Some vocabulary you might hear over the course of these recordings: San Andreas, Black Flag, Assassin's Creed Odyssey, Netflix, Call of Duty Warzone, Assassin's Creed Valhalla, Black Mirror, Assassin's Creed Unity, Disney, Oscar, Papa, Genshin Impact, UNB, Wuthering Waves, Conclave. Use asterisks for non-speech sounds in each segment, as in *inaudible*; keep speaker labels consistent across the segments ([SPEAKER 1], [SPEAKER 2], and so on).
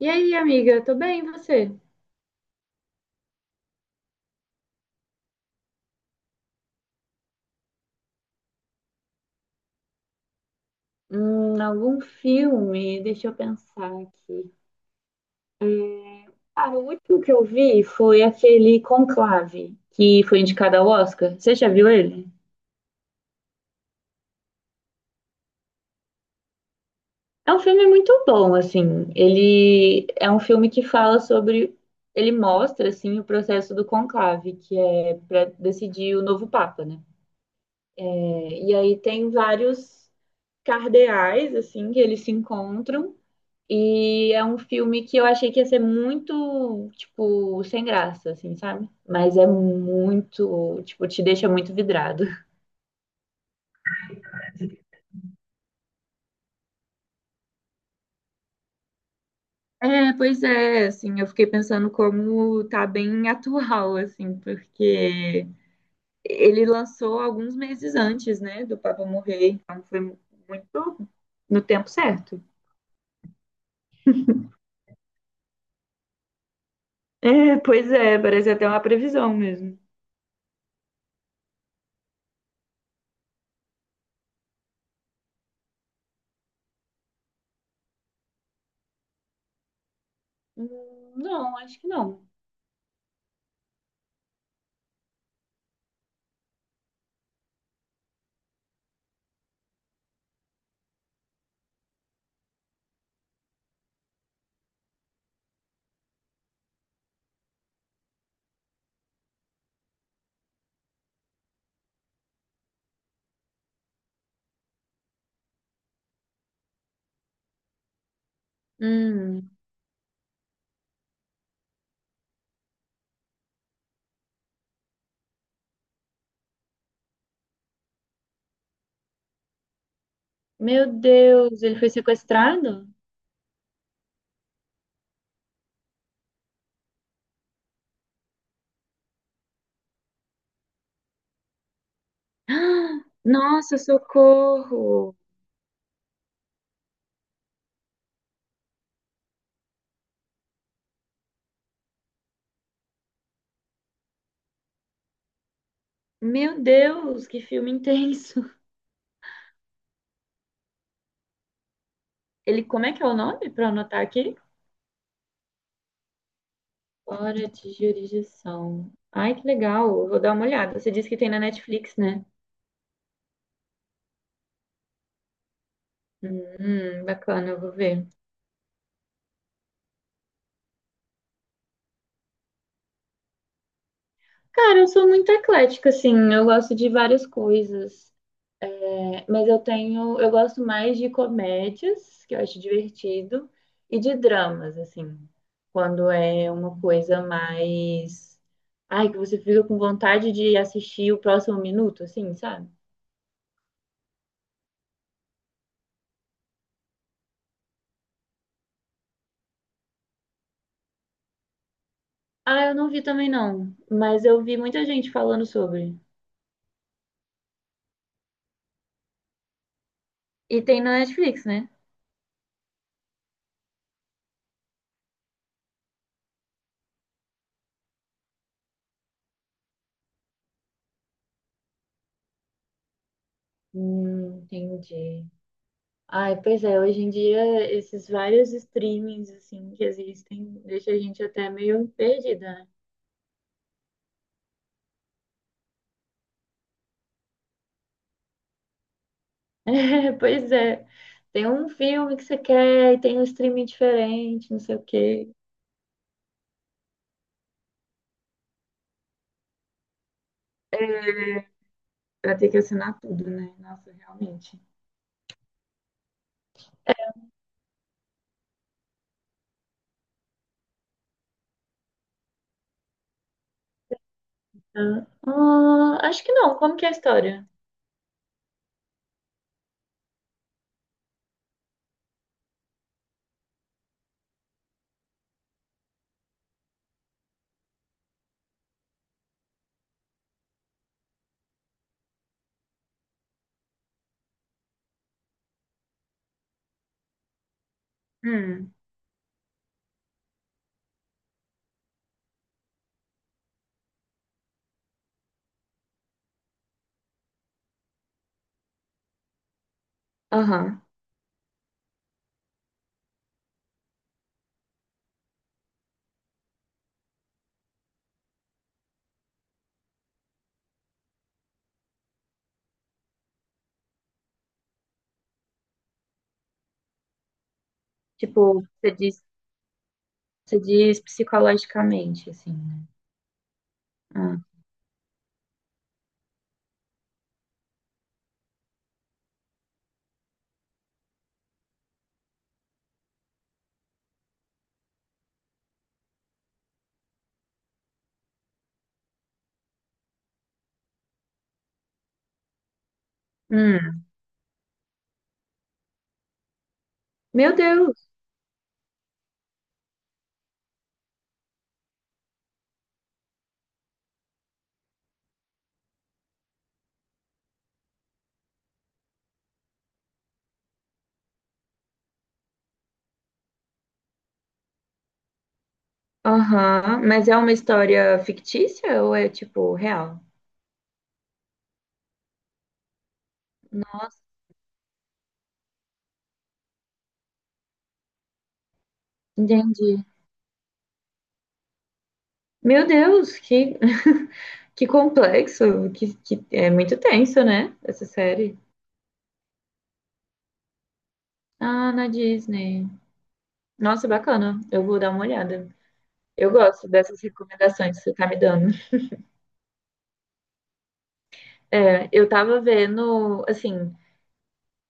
[SPEAKER 1] E aí, amiga, tô bem, e você? Algum filme? Deixa eu pensar aqui. É, Cara, o último que eu vi foi aquele Conclave, que foi indicado ao Oscar. Você já viu ele? É um filme muito bom, assim. Ele é um filme que fala sobre. Ele mostra, assim, o processo do conclave, que é para decidir o novo Papa, né? É, E aí tem vários cardeais, assim, que eles se encontram. E é um filme que eu achei que ia ser muito, tipo, sem graça, assim, sabe? Mas é muito, tipo, te deixa muito vidrado. É, pois é, assim, eu fiquei pensando como tá bem atual, assim, porque ele lançou alguns meses antes, né, do Papa morrer, então foi muito no tempo certo. É, pois é, parece até uma previsão mesmo. Não, acho que não. Hum, meu Deus, ele foi sequestrado? Ah, nossa, socorro! Meu Deus, que filme intenso! Ele, como é que é o nome para anotar aqui? Fora de jurisdição. Ai, que legal! Eu vou dar uma olhada. Você disse que tem na Netflix, né? Bacana, eu vou ver. Cara, eu sou muito eclética, assim. Eu gosto de várias coisas. Mas eu tenho, eu gosto mais de comédias, que eu acho divertido, e de dramas, assim, quando é uma coisa mais, ai, que você fica com vontade de assistir o próximo minuto, assim, sabe? Ah, eu não vi também não, mas eu vi muita gente falando sobre. E tem na Netflix, né? Entendi. Ai, pois é, hoje em dia esses vários streamings assim que existem deixa a gente até meio perdida, né? *laughs* É, pois é. Tem um filme que você quer e tem um streaming diferente, não sei o quê. Pra ter que assinar tudo, né? Nossa, realmente. Ah, ah, acho que não. Como que é a história? Hum, aham. Tipo, você diz psicologicamente, assim, né? Ah, hum. Meu Deus! Aham. Mas é uma história fictícia ou é, tipo, real? Entendi. Meu Deus, que, *laughs* que complexo, que é muito tenso, né? Essa série. Ah, na Disney. Nossa, bacana. Eu vou dar uma olhada. Eu gosto dessas recomendações que você tá me dando. É, eu tava vendo, assim,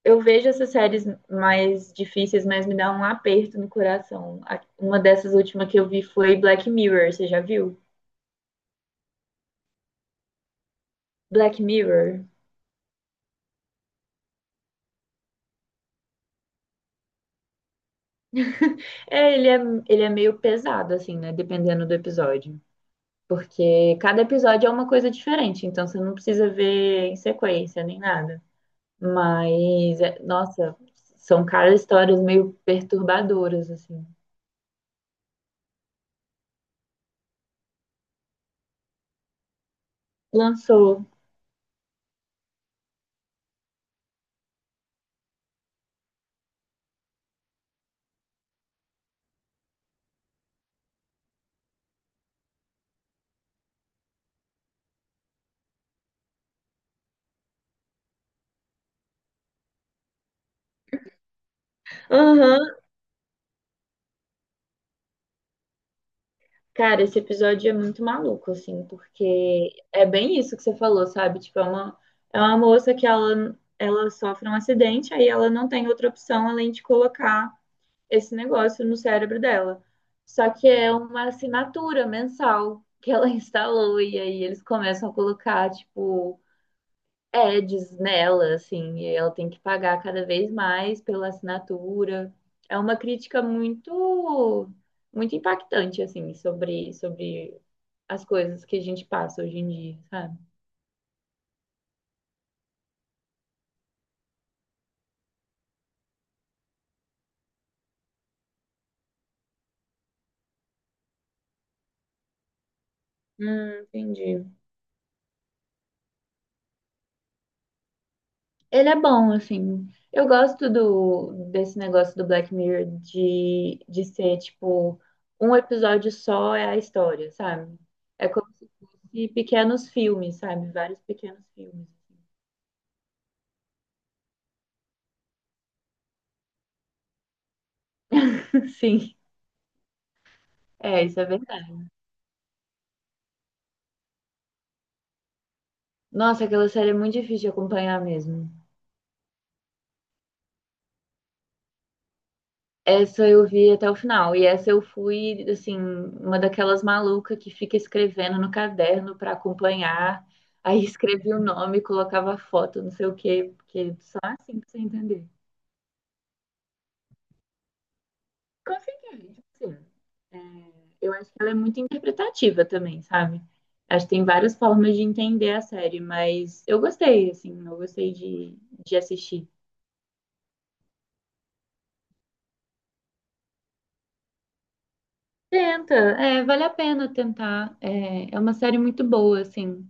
[SPEAKER 1] eu vejo essas séries mais difíceis, mas me dá um aperto no coração. Uma dessas últimas que eu vi foi Black Mirror, você já viu? Black Mirror. *laughs* É, ele é, ele é meio pesado, assim, né? Dependendo do episódio. Porque cada episódio é uma coisa diferente, então você não precisa ver em sequência nem nada. Mas, nossa, são, cara, histórias meio perturbadoras, assim. Lançou. Aham. Cara, esse episódio é muito maluco, assim, porque é bem isso que você falou, sabe? É uma moça que ela sofre um acidente, aí ela não tem outra opção além de colocar esse negócio no cérebro dela. Só que é uma assinatura mensal que ela *laughs* instalou, e aí eles começam a colocar, tipo, ads nela, assim, e ela tem que pagar cada vez mais pela assinatura. É uma crítica muito impactante, assim, sobre as coisas que a gente passa hoje em dia, sabe? Entendi. Ele é bom, assim. Eu gosto desse negócio do Black Mirror de ser, tipo, um episódio só é a história, sabe? É como se fosse pequenos filmes, sabe? Vários pequenos filmes. *laughs* Sim, é, isso é verdade. Nossa, aquela série é muito difícil de acompanhar mesmo. Essa eu vi até o final. E essa eu fui, assim, uma daquelas malucas que fica escrevendo no caderno para acompanhar. Aí *laughs* escrevia o nome, colocava a foto, não sei o quê, porque só assim pra você entender. Consegui, sim. É, eu acho que ela é muito interpretativa também, sabe? Acho que tem várias formas de entender a série, mas eu gostei, assim, eu gostei de assistir. Tenta, é, vale a pena tentar. É, é uma série muito boa, assim.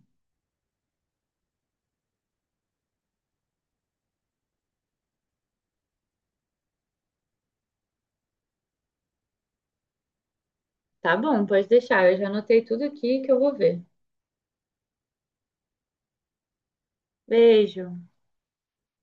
[SPEAKER 1] Tá bom, pode deixar. Eu já anotei tudo aqui que eu vou ver. Beijo.